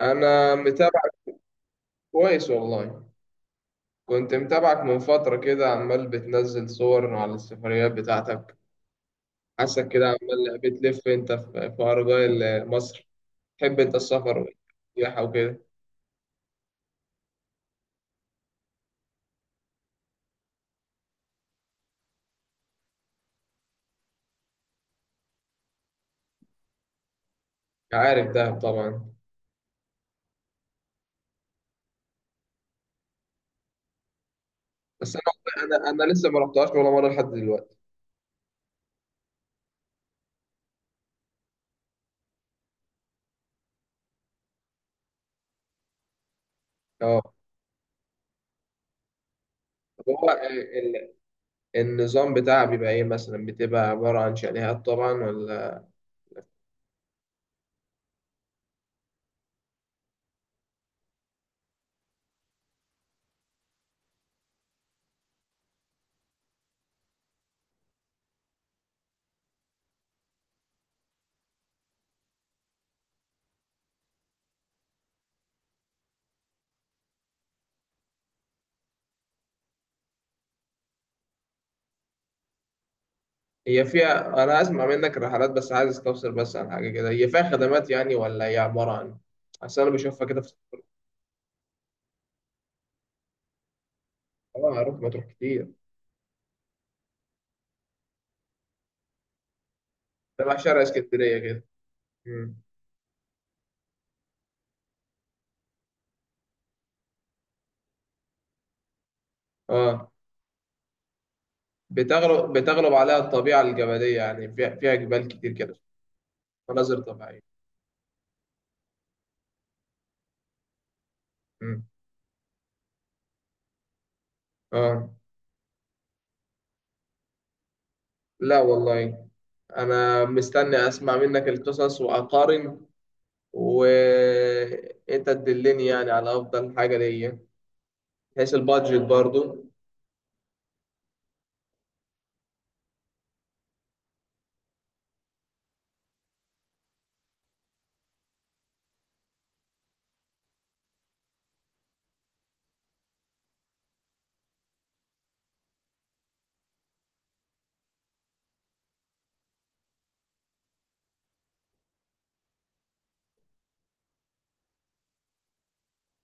انا متابعك. كويس والله. كنت متابعك من فترة كده، عمال بتنزل صور على السفريات بتاعتك. حاسك كده عمال بتلف انت في أرجاء مصر. تحب انت السفر والسياحة وكده. عارف دهب طبعا. بس انا، والله انا لسه ما رحتهاش ولا مرة لحد دلوقتي. اه. طب هو النظام بتاعها بيبقى ايه؟ مثلا بتبقى عبارة عن شاليهات طبعا ولا هي فيها؟ انا اسمع منك الرحلات، بس عايز استفسر بس عن حاجه كده. هي فيها خدمات يعني، ولا هي عباره عن اصل انا بشوفها كده في. اه، اروح مطروح كتير. تبع شارع اسكندريه كده. مم. اه. بتغلب عليها الطبيعه الجبليه يعني، فيها، فيها جبال كتير كده. مناظر طبيعيه. مم. اه. لا والله. انا مستني اسمع منك القصص واقارن، وانت تدلني يعني على افضل حاجه ليا، بحيث البادجت برضو.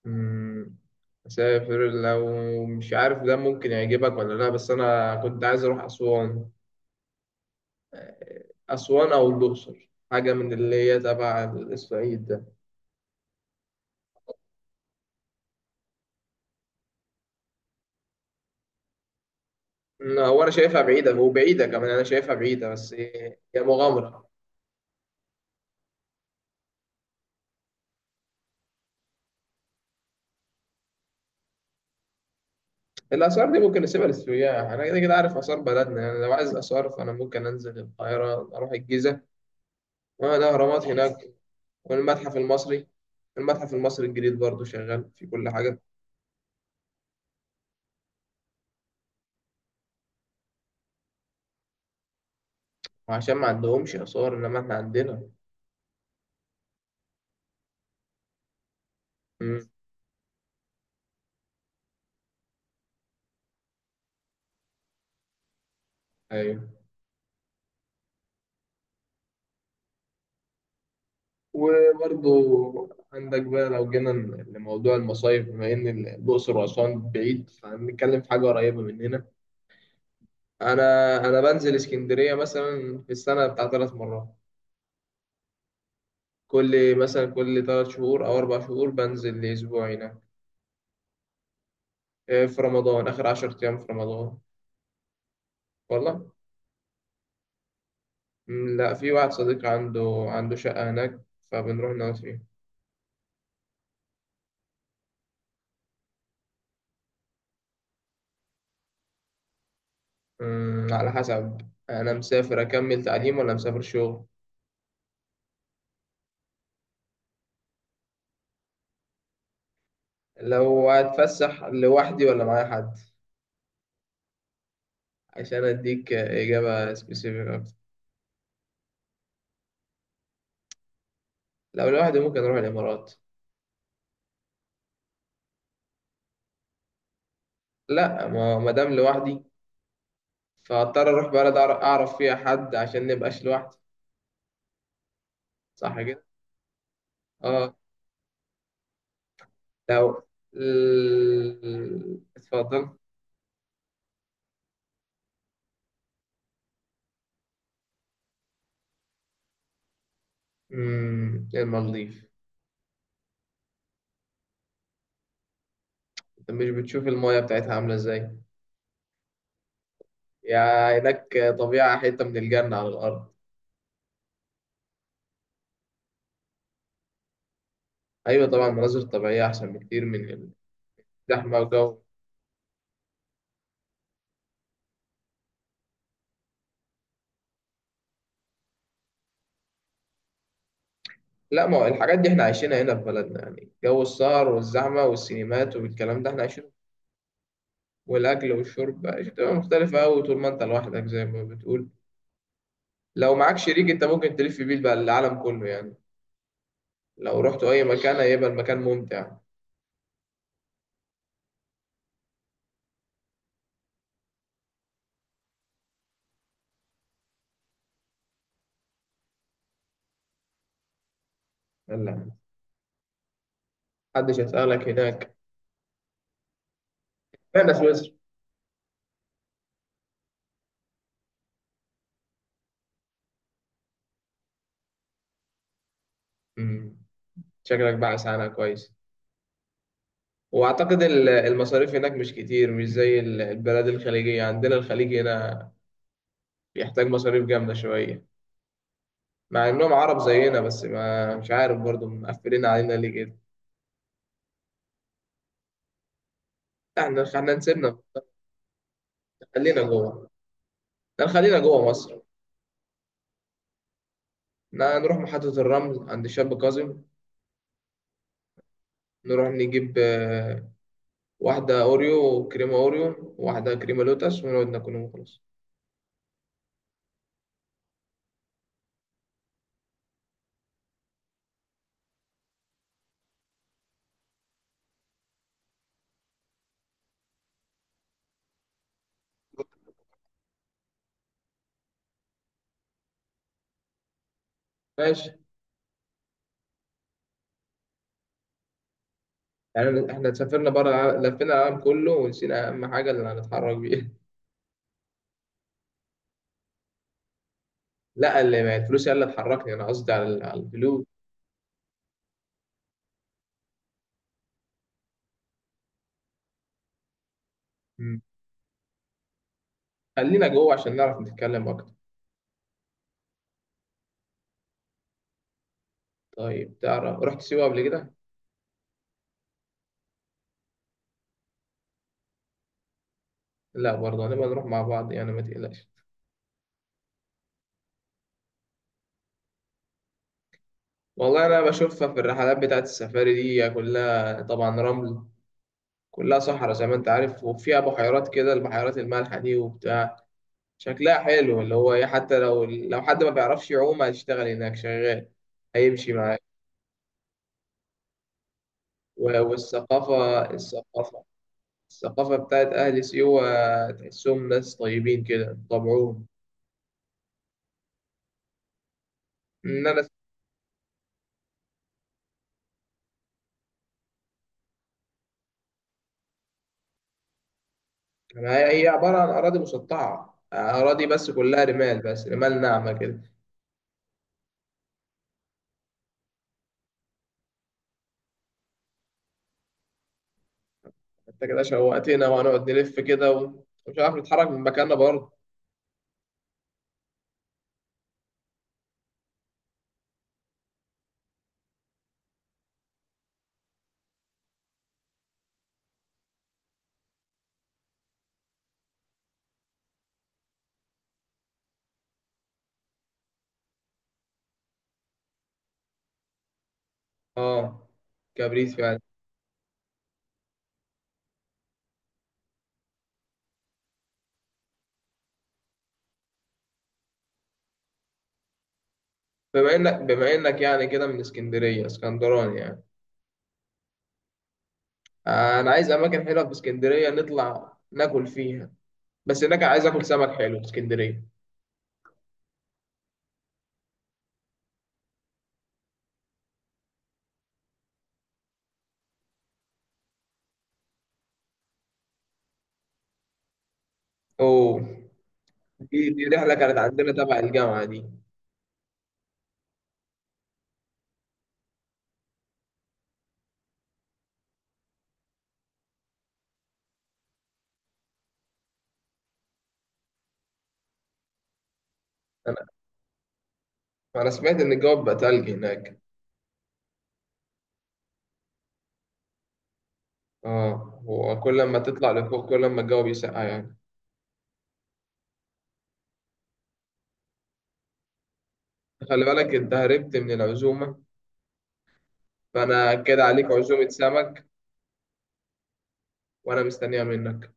مم، أسافر لو مش عارف ده ممكن يعجبك ولا لأ، بس أنا كنت عايز أروح أسوان. أو الأقصر، حاجة من اللي هي تبع الصعيد ده. هو أنا شايفها بعيدة، وبعيدة كمان، أنا شايفها بعيدة، بس هي مغامرة. الآثار دي ممكن نسيبها للسياح، أنا كده كده عارف آثار بلدنا يعني. لو عايز آثار فأنا ممكن أنزل القاهرة، أروح الجيزة والأهرامات هناك. والمتحف المصري. المتحف المصري الجديد برضه شغال في كل حاجة. وعشان ما عندهمش آثار، إنما إحنا عندنا. ايوه. وبرضو عندك بقى، لو جينا لموضوع المصايف، بما ان الاقصر واسوان بعيد، فهنتكلم في حاجه قريبه مننا. انا بنزل اسكندريه مثلا في السنه بتاع 3 مرات. كل مثلا كل 3 شهور او 4 شهور بنزل لاسبوع هناك. إيه، في رمضان، اخر 10 ايام في رمضان. والله. لا، في واحد صديق عنده شقه هناك، فبنروح نقعد فيها. على حسب. انا مسافر اكمل تعليم، ولا مسافر شغل؟ لو هتفسح لوحدي ولا معايا حد؟ عشان اديك اجابه سبيسيفيك اكتر. لو لوحدي ممكن اروح الامارات. لا، ما دام لوحدي، فاضطر اروح بلد اعرف فيها حد عشان نبقاش لوحدي. صح كده. اه. لو اتفضل. امم، المالديف. انت مش بتشوف المايه بتاعتها عامله ازاي؟ يا هناك طبيعه، حته من الجنه على الارض. ايوه طبعا، مناظر طبيعيه احسن بكتير من الزحمه والجو. لا، ما هو الحاجات دي احنا عايشينها هنا في بلدنا يعني، جو السهر والزحمة والسينمات والكلام ده احنا عايشينه. والأكل والشرب عايشين. تبقى مختلفة أوي طول ما أنت لوحدك زي ما بتقول. لو معاك شريك أنت ممكن تلف بيه بقى العالم كله يعني. لو رحت أي مكان هيبقى المكان ممتع. يلا. محدش هيسألك هناك. فين سويسرا؟ أمم، شكلك بقى عنها كويس. وأعتقد المصاريف هناك مش كتير، مش زي البلاد الخليجية عندنا. الخليج هنا بيحتاج مصاريف جامدة شوية، مع انهم عرب زينا، بس ما مش عارف برضو مقفلين علينا ليه كده. احنا نسيبنا. خلينا جوه. لا، خلينا جوه مصر. نروح محطة الرمل عند الشاب كاظم. نروح نجيب واحدة أوريو وكريمة أوريو وواحدة كريمة لوتس ونقعد ناكلهم وخلاص. ماشي. يعني احنا سافرنا بره لفينا العالم كله ونسينا أهم حاجة اللي هنتحرك بيها. لا، اللي ما الفلوس هي اللي تحركني، أنا قصدي على الفلوس. مم. خلينا جوه عشان نعرف نتكلم أكتر. طيب تعرف، رحت سيوة قبل كده؟ لا برضه، هنبقى نروح مع بعض يعني ما تقلقش. والله انا بشوفها في الرحلات بتاعت السفاري دي، كلها طبعا رمل، كلها صحراء زي ما انت عارف، وفيها بحيرات كده، البحيرات المالحة دي وبتاع. شكلها حلو اللي هو ايه، حتى لو حد ما بيعرفش يعوم هيشتغل هناك شغال، هيمشي معاك. و- والثقافة الثقافة الثقافة بتاعت أهل سيوة، تحسهم ناس طيبين كده طبعهم. إن أنا يعني، هي عبارة عن أراضي مسطحة، أراضي بس كلها رمال، بس رمال ناعمة كده. انت كده شوقتنا، وهنقعد نلف كده ومش عارف نتحرك من مكاننا برضه. اه، كبريت فعلا. بما انك يعني كده من اسكندريه، اسكندراني يعني. انا عايز اماكن حلوه في اسكندريه نطلع ناكل فيها، بس هناك عايز اكل سمك حلو في اسكندريه. اوه. دي رحله كانت عندنا تبع الجامعه دي. انا انا سمعت ان الجو بقى تلج هناك. اه، وكل لما تطلع لفوق كل لما الجو بيسقع يعني. خلي بالك انت هربت من العزومه، فانا كده عليك عزومه سمك. وانا مستنيها منك.